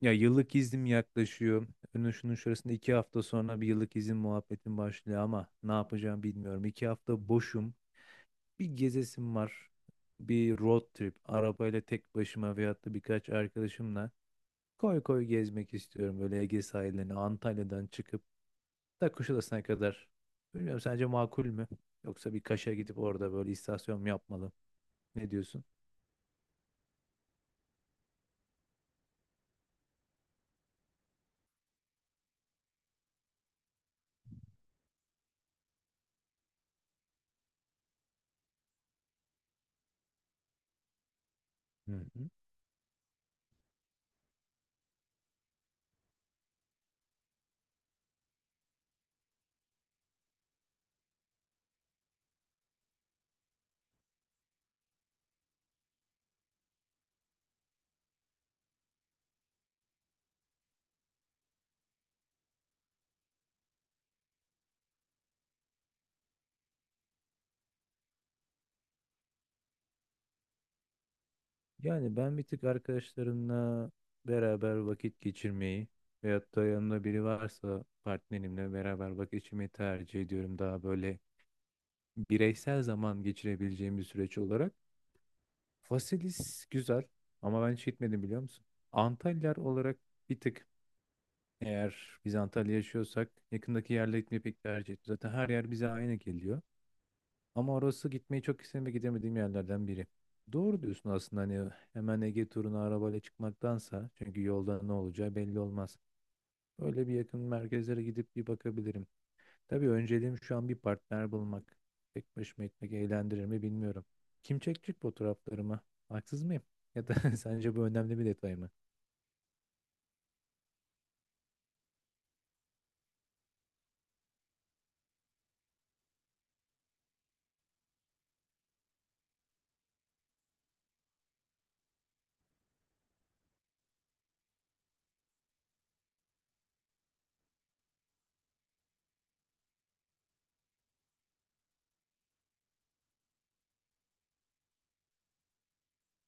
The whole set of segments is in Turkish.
Ya yıllık iznim yaklaşıyor. Önü şunun şurasında 2 hafta sonra bir yıllık izin muhabbetim başlıyor ama ne yapacağımı bilmiyorum. 2 hafta boşum. Bir gezesim var. Bir road trip. Arabayla tek başıma veyahut da birkaç arkadaşımla koy koy gezmek istiyorum. Böyle Ege sahillerini Antalya'dan çıkıp da Kuşadası'na kadar. Bilmiyorum, sence makul mü? Yoksa bir Kaş'a gidip orada böyle istasyon mu yapmalı? Ne diyorsun? Hı hı. Yani ben bir tık arkadaşlarımla beraber vakit geçirmeyi veyahut da yanımda biri varsa partnerimle beraber vakit geçirmeyi tercih ediyorum. Daha böyle bireysel zaman geçirebileceğim bir süreç olarak. Fasilis güzel ama ben hiç gitmedim, biliyor musun? Antalyalar olarak bir tık, eğer biz Antalya yaşıyorsak yakındaki yerlere gitmeyi pek tercih etmiyorum. Zaten her yer bize aynı geliyor. Ama orası gitmeyi çok istedim ve gidemediğim yerlerden biri. Doğru diyorsun aslında, hani hemen Ege turuna arabayla çıkmaktansa, çünkü yolda ne olacağı belli olmaz. Öyle bir yakın merkezlere gidip bir bakabilirim. Tabii önceliğim şu an bir partner bulmak. Tek başıma gitmek eğlendirir mi bilmiyorum. Kim çekecek fotoğraflarımı? Haksız mıyım? Ya da sence bu önemli bir detay mı?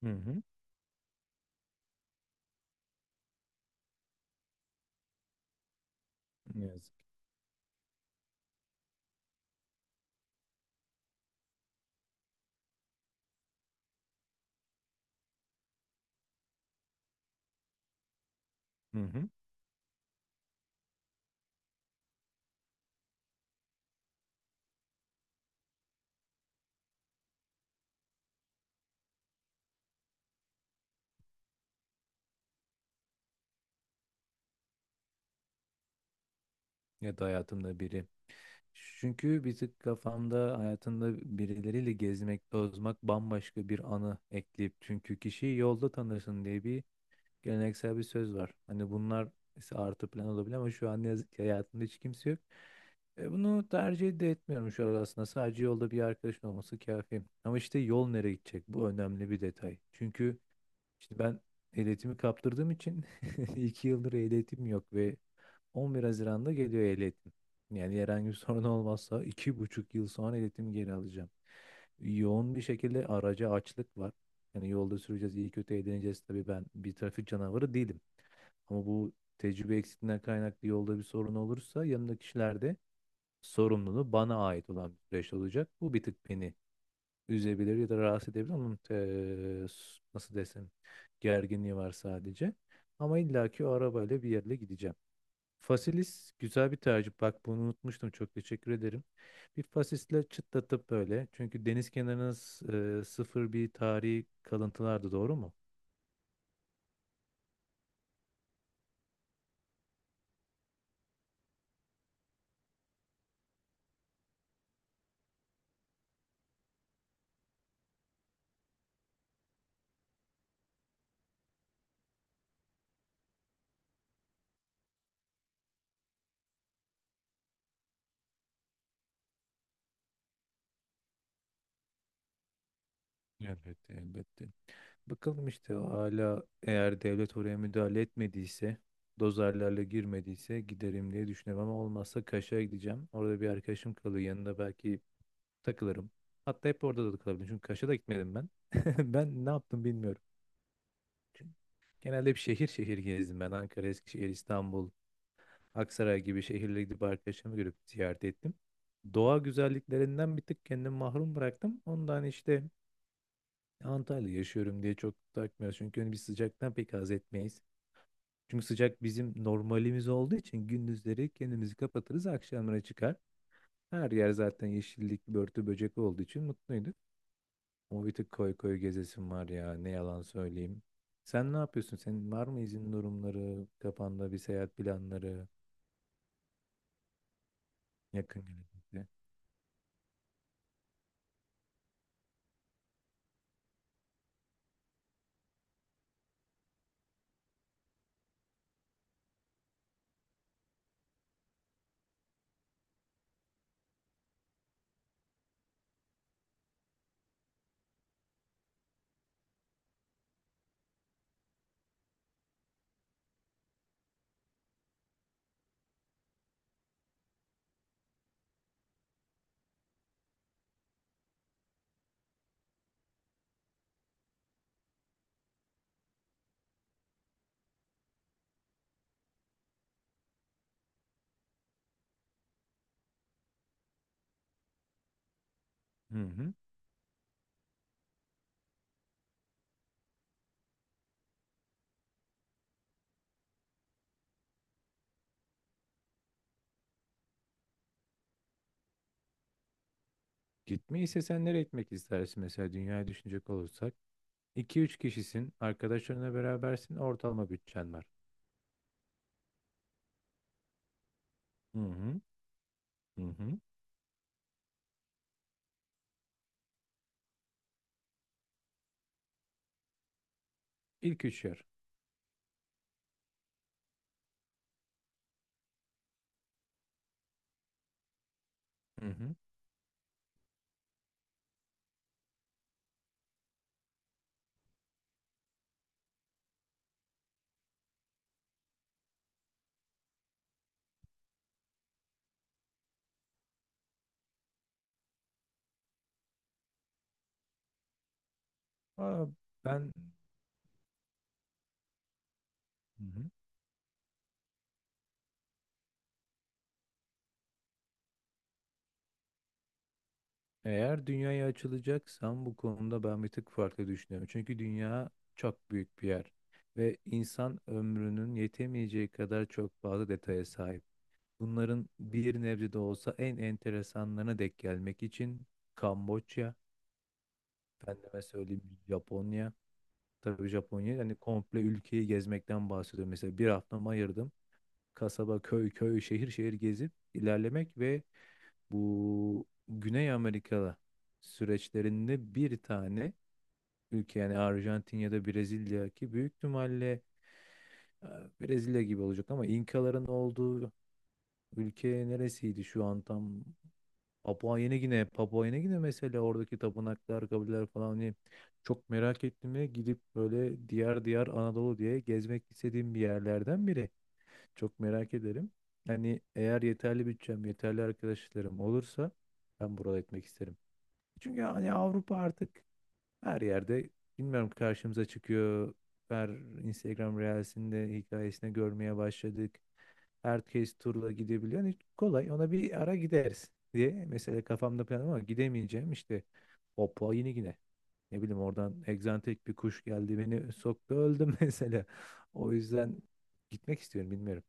Hı hı. Ne yazık. Hı hı. Ya da hayatımda biri. Çünkü bir tık kafamda hayatında birileriyle gezmek, tozmak bambaşka bir anı ekleyip, çünkü kişiyi yolda tanırsın diye bir geleneksel bir söz var. Hani bunlar ise artı plan olabilir ama şu an ne yazık ki hayatımda hiç kimse yok. E, bunu tercih de etmiyorum şu an aslında. Sadece yolda bir arkadaşın olması kafi. Ama işte yol nereye gidecek? Bu önemli bir detay. Çünkü işte ben ehliyetimi kaptırdığım için 2 yıldır ehliyetim yok ve 11 Haziran'da geliyor ehliyetim. Yani herhangi bir sorun olmazsa 2,5 yıl sonra ehliyetimi geri alacağım. Yoğun bir şekilde araca açlık var. Yani yolda süreceğiz, iyi kötü eğleneceğiz. Tabii ben bir trafik canavarı değilim. Ama bu tecrübe eksikliğinden kaynaklı yolda bir sorun olursa yanımdaki kişilerde sorumluluğu bana ait olan bir süreç olacak. Bu bir tık beni üzebilir ya da rahatsız edebilir. Onun nasıl desem, gerginliği var sadece. Ama illaki o arabayla bir yerle gideceğim. Fasilis güzel bir tercih. Bak bunu unutmuştum. Çok teşekkür ederim. Bir fasisle çıtlatıp böyle. Çünkü deniz kenarına sıfır bir tarihi kalıntılardı, doğru mu? Elbette, elbette. Bakalım işte hala eğer devlet oraya müdahale etmediyse, dozerlerle girmediyse giderim diye düşünüyorum ama olmazsa Kaş'a gideceğim. Orada bir arkadaşım kalıyor, yanında belki takılırım. Hatta hep orada da kalabilirim çünkü Kaş'a da gitmedim ben. Ben ne yaptım bilmiyorum. Genelde bir şehir şehir gezdim ben. Ankara, Eskişehir, İstanbul, Aksaray gibi şehirlere gidip arkadaşlarımı görüp ziyaret ettim. Doğa güzelliklerinden bir tık kendimi mahrum bıraktım. Ondan işte Antalya'da yaşıyorum diye çok takmıyoruz. Çünkü hani biz sıcaktan pek haz etmeyiz. Çünkü sıcak bizim normalimiz olduğu için gündüzleri kendimizi kapatırız, akşamlara çıkar. Her yer zaten yeşillik, börtü, böcek olduğu için mutluyduk. O bir tık koy koy gezesim var ya, ne yalan söyleyeyim. Sen ne yapıyorsun? Senin var mı izin durumları, kafanda bir seyahat planları yakın gelecekte? Hı hı. Gitmeyi istesen nereye gitmek istersin mesela, dünyayı düşünecek olursak? İki üç kişisin, arkadaşlarınla berabersin, ortalama bütçen var. Hı hı. Hı hı. İlk üç yer. Hı hı. Aa, ben. Hı hı. Eğer dünyaya açılacaksam bu konuda ben bir tık farklı düşünüyorum. Çünkü dünya çok büyük bir yer ve insan ömrünün yetemeyeceği kadar çok fazla detaya sahip. Bunların bir nebze de olsa en enteresanlarına denk gelmek için Kamboçya, efendime söyleyeyim, Japonya. Tabii Japonya, yani komple ülkeyi gezmekten bahsediyorum. Mesela bir haftamı ayırdım. Kasaba, köy, köy, şehir, şehir gezip ilerlemek ve bu Güney Amerika'da süreçlerinde bir tane ülke, yani Arjantin ya da Brezilya, ki büyük ihtimalle e, Brezilya gibi olacak, ama İnkaların olduğu ülke neresiydi şu an tam? Papua Yeni Gine. Papua Yeni Gine, mesela oradaki tapınaklar, kabileler falan, hani çok merak ettiğime gidip böyle diyar diyar Anadolu diye gezmek istediğim bir yerlerden biri, çok merak ederim. Hani eğer yeterli bütçem, yeterli arkadaşlarım olursa ben buralara etmek isterim. Çünkü hani Avrupa artık her yerde bilmiyorum karşımıza çıkıyor. Her Instagram Reels'inde, hikayesinde görmeye başladık. Herkes turla gidebiliyor. Hani kolay, ona bir ara gideriz diye mesela kafamda plan, ama gidemeyeceğim işte Papua yine yine. Ne bileyim, oradan egzantik bir kuş geldi, beni soktu, öldüm mesela. O yüzden gitmek istiyorum, bilmiyorum.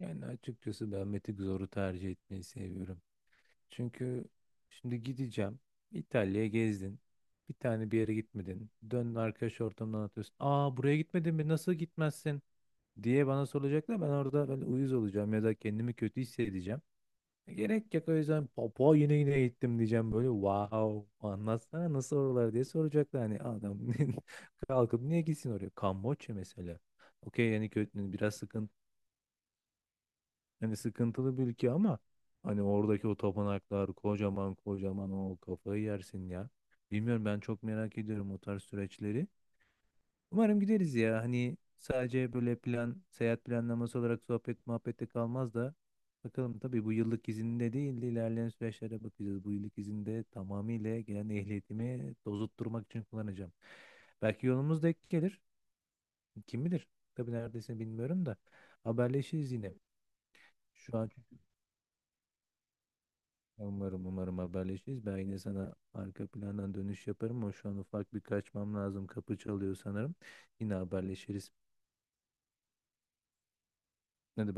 Yani açıkçası ben Meteor Zor'u tercih etmeyi seviyorum. Çünkü şimdi gideceğim. İtalya'ya gezdin. Bir tane bir yere gitmedin. Dön arkadaş ortamından, atıyorsun. Aa, buraya gitmedin mi? Nasıl gitmezsin? Diye bana soracaklar. Ben orada böyle uyuz olacağım ya da kendimi kötü hissedeceğim. E, gerek yok. O yüzden Papua yine yine gittim diyeceğim, böyle wow anlatsana nasıl oralar diye soracaklar. Hani adam kalkıp niye gitsin oraya? Kamboçya mesela, okey, yani kötü, biraz sıkıntı. Hani sıkıntılı bir ülke ama hani oradaki o tapınaklar kocaman kocaman, o kafayı yersin ya. Bilmiyorum, ben çok merak ediyorum o tarz süreçleri. Umarım gideriz ya. Hani sadece böyle plan, seyahat planlaması olarak sohbet muhabbette kalmaz da, bakalım. Tabii bu yıllık izinde değil de ilerleyen süreçlere bakacağız. Bu yıllık izinde tamamıyla gelen ehliyetimi dozutturmak için kullanacağım. Belki yolumuz denk gelir. Kim bilir? Tabii neredeyse bilmiyorum da haberleşiriz yine. Şu an, ya, umarım umarım haberleşiriz. Ben yine sana arka plandan dönüş yaparım ama şu an ufak bir kaçmam lazım. Kapı çalıyor sanırım. Yine haberleşiriz. Hadi